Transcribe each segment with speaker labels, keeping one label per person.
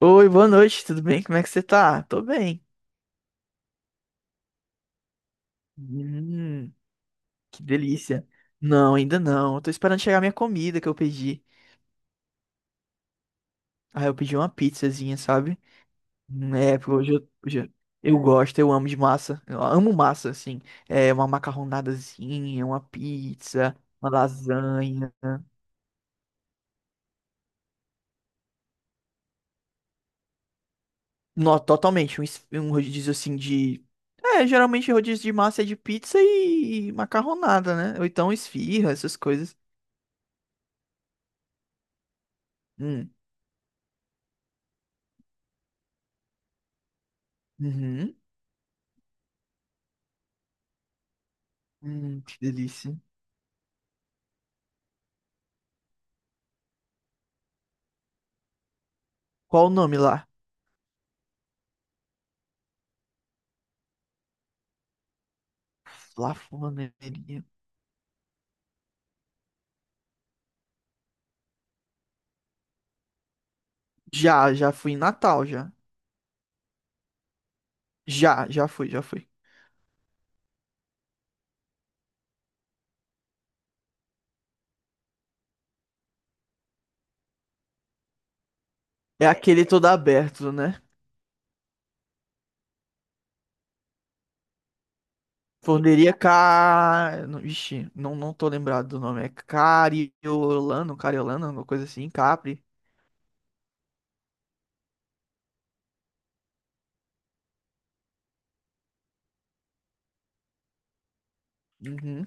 Speaker 1: Oi, boa noite, tudo bem? Como é que você tá? Tô bem. Hum, que delícia. Não, ainda não. Eu tô esperando chegar minha comida que eu pedi. Ah, eu pedi uma pizzazinha, sabe? É, porque hoje eu gosto, eu amo de massa. Eu amo massa, assim. É, uma macarronadazinha, uma pizza, uma lasanha. Não, totalmente. Um rodízio assim de. É, geralmente rodízio de massa é de pizza e macarronada, né? Ou então esfirra, essas coisas. Hum. Uhum. Que delícia. Qual o nome lá? Lá Flanelinha. Já, já fui em Natal, já. Já, já fui, já fui. É aquele todo aberto, né? Forneria Car... não- Ixi, não, não tô lembrado do nome. É Cariolano, Cariolano, alguma coisa assim, Capri. Uhum.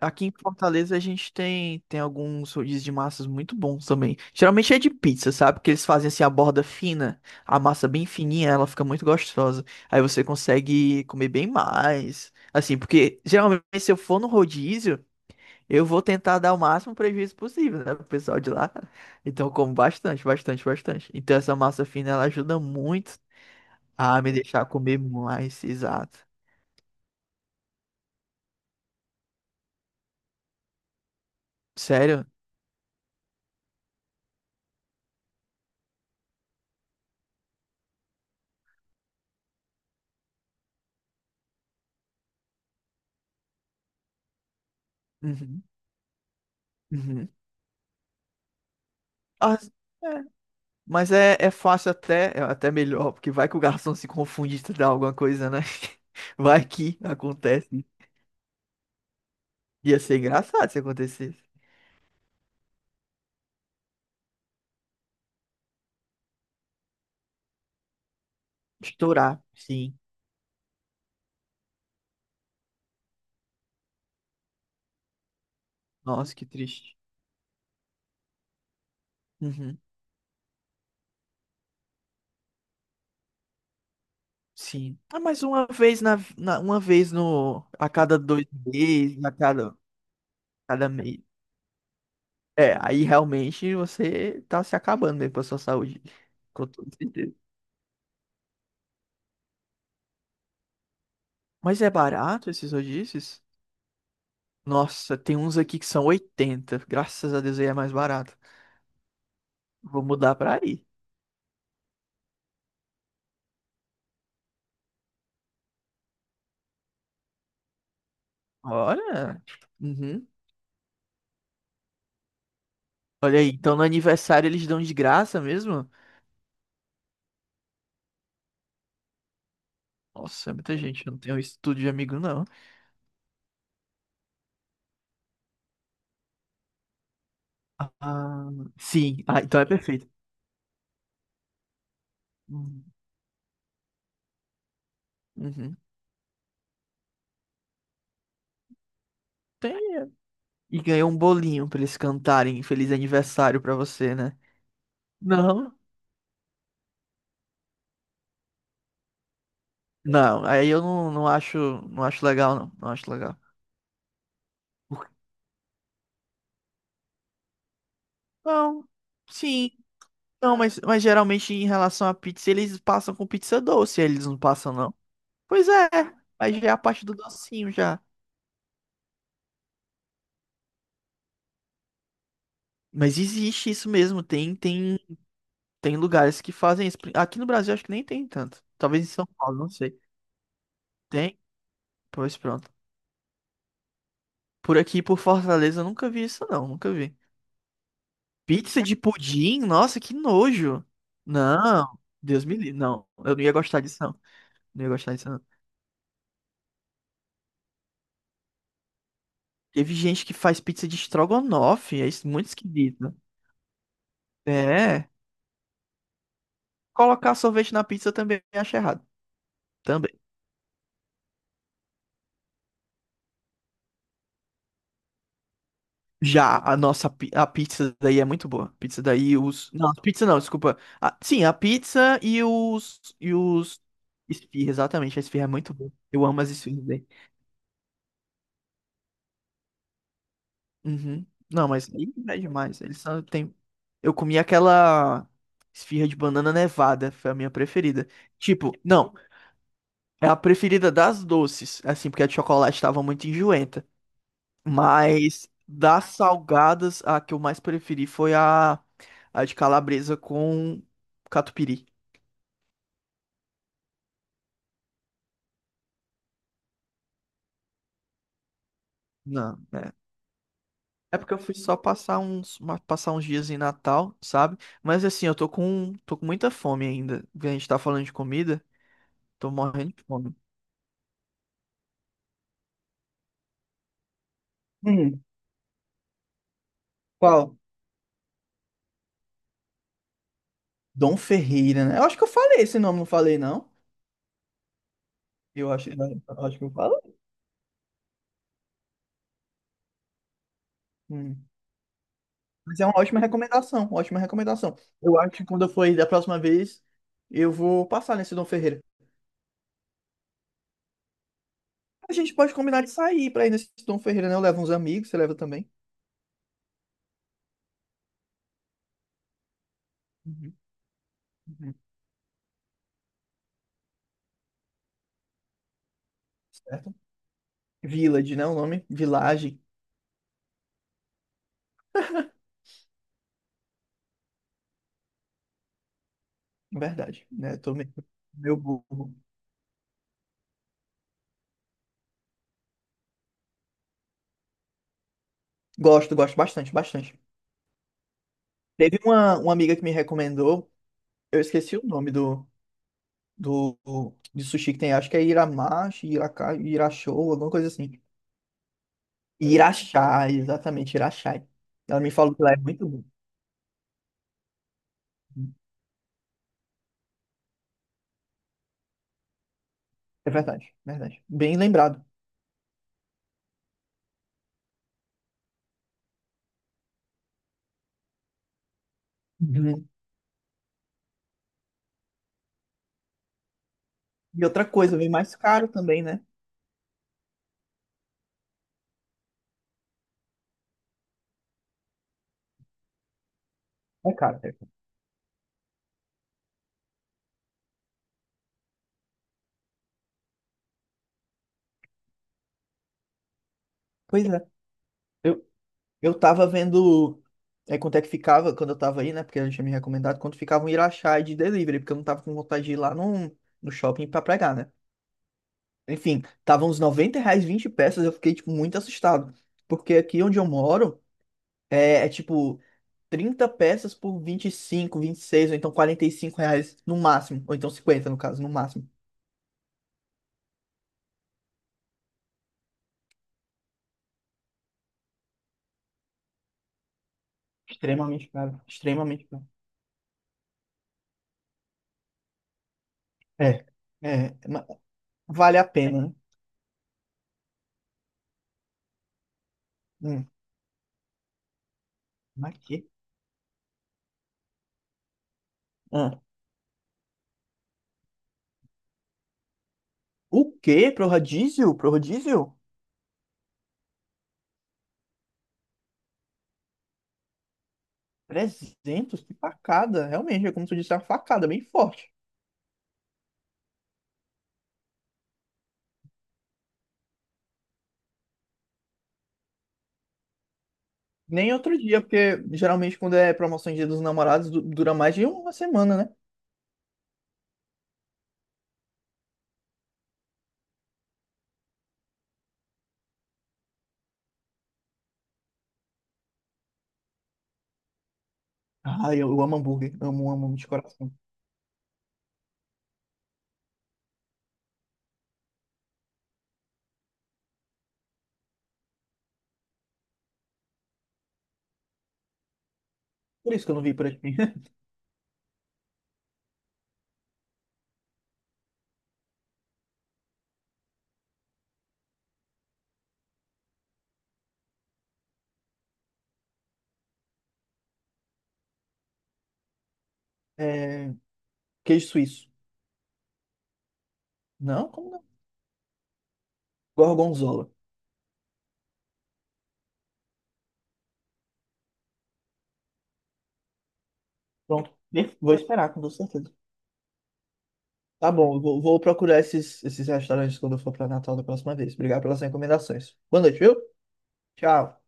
Speaker 1: Aqui em Fortaleza a gente tem alguns rodízios de massas muito bons também. Geralmente é de pizza, sabe? Porque eles fazem assim a borda fina, a massa bem fininha, ela fica muito gostosa. Aí você consegue comer bem mais. Assim, porque geralmente se eu for no rodízio, eu vou tentar dar o máximo prejuízo possível, né, pro pessoal de lá. Então eu como bastante, bastante, bastante. Então essa massa fina ela ajuda muito a me deixar comer mais, exato. Sério? Uhum, uhum. Ah, mas é fácil até, é até melhor, porque vai que o garçom se confunde e te dá alguma coisa, né? Vai que acontece. Ia ser engraçado se acontecesse. Estourar, sim. Nossa, que triste. Uhum, sim. Ah, mas uma vez uma vez no a cada 2 meses, a cada mês. É, aí realmente você tá se acabando mesmo pra sua saúde, com toda certeza. Mas é barato esses rodízios? Nossa, tem uns aqui que são 80. Graças a Deus, aí é mais barato. Vou mudar pra aí. Olha. Uhum. Olha aí, então no aniversário eles dão de graça mesmo? Nossa, é muita gente, eu não tenho isso tudo de amigo, não. Ah, sim, ah, então é perfeito. Uhum. Uhum. Tem. É. E ganhou um bolinho pra eles cantarem Feliz Aniversário pra você, né? Não, não, aí eu não, não acho, não acho legal, não. Não acho legal. Por- Não, sim, não, mas geralmente em relação à pizza, eles passam com pizza doce, eles não passam, não. Pois é, mas já é a parte do docinho já. Mas existe isso mesmo, tem lugares que fazem isso. Aqui no Brasil acho que nem tem tanto. Talvez em São Paulo, não sei. Tem? Pois pronto. Por aqui, por Fortaleza, eu nunca vi isso não, nunca vi. Pizza de pudim? Nossa, que nojo. Não, Deus me livre. Não, eu não ia gostar disso não. Não ia gostar disso não. Teve gente que faz pizza de estrogonofe, é isso muito esquisito. É, colocar sorvete na pizza eu também acho errado. Também. Já, a pizza daí é muito boa. Pizza daí, os. Não, pizza não, desculpa. Ah, sim, a pizza e os. E os. Esfirra, exatamente. A esfirra é muito boa. Eu amo as esfirras daí. Uhum. Não, mas aí é demais. Eles só tem. Eu comi aquela esfirra de banana nevada. Foi a minha preferida. Tipo, não, é a preferida das doces. Assim, porque a de chocolate tava muito enjoenta. Mas das salgadas, a que eu mais preferi foi a de calabresa com catupiry. Não, é. É porque eu fui só passar uns dias em Natal, sabe? Mas assim, eu tô com muita fome ainda. A gente tá falando de comida, tô morrendo de fome. Hum, Qual? Dom Ferreira, né? Eu acho que eu falei esse nome, não falei, não? Eu acho que eu falei. Hum. Mas é uma ótima recomendação, ótima recomendação. Eu acho que quando eu for aí da próxima vez, eu vou passar nesse Dom Ferreira. A gente pode combinar de sair pra ir nesse Tom Ferreira, né? Eu levo uns amigos, você leva também, uhum, uhum. Certo? Village, né? O nome? Village, na verdade, né? Tô meio burro. Gosto, gosto bastante, bastante. Teve uma amiga que me recomendou, eu esqueci o nome do, de sushi que tem, acho que é Iramashi, Iraka, Irachou, alguma coisa assim. Irachá, exatamente, Irachá. Ela me falou que lá é muito bom. É verdade, verdade. Bem lembrado. Uhum. E outra coisa, vem mais caro também, né? É caro. É caro. Pois é. Eu, eu tava vendo quanto é que ficava quando eu tava aí, né? Porque ela tinha me recomendado quanto ficava um Irachá de delivery, porque eu não tava com vontade de ir lá no shopping pra pregar, né? Enfim, tava uns 90 reais 20 peças, eu fiquei, tipo, muito assustado. Porque aqui onde eu moro tipo 30 peças por 20 25, 26 ou então 45 reais no máximo. Ou então 50 no caso, no máximo. Extremamente caro. Extremamente caro. É, é, ma- Vale a pena, né? Hum, mas que? O quê? Pro rodízio? Pro rodízio? 300? Que facada. Realmente, é como tu disse, é uma facada bem forte. Nem outro dia, porque geralmente quando é promoção de Dia dos Namorados dura mais de uma semana, né? Ah, eu amo hambúrguer. Amo, amo de coração. Por isso que eu não vi por aqui. É, queijo suíço. Não? Como não? Gorgonzola. Pronto. Vou esperar, com toda certeza. Tá bom, eu vou procurar esses restaurantes quando eu for pra Natal da próxima vez. Obrigado pelas recomendações. Boa noite, viu? Tchau.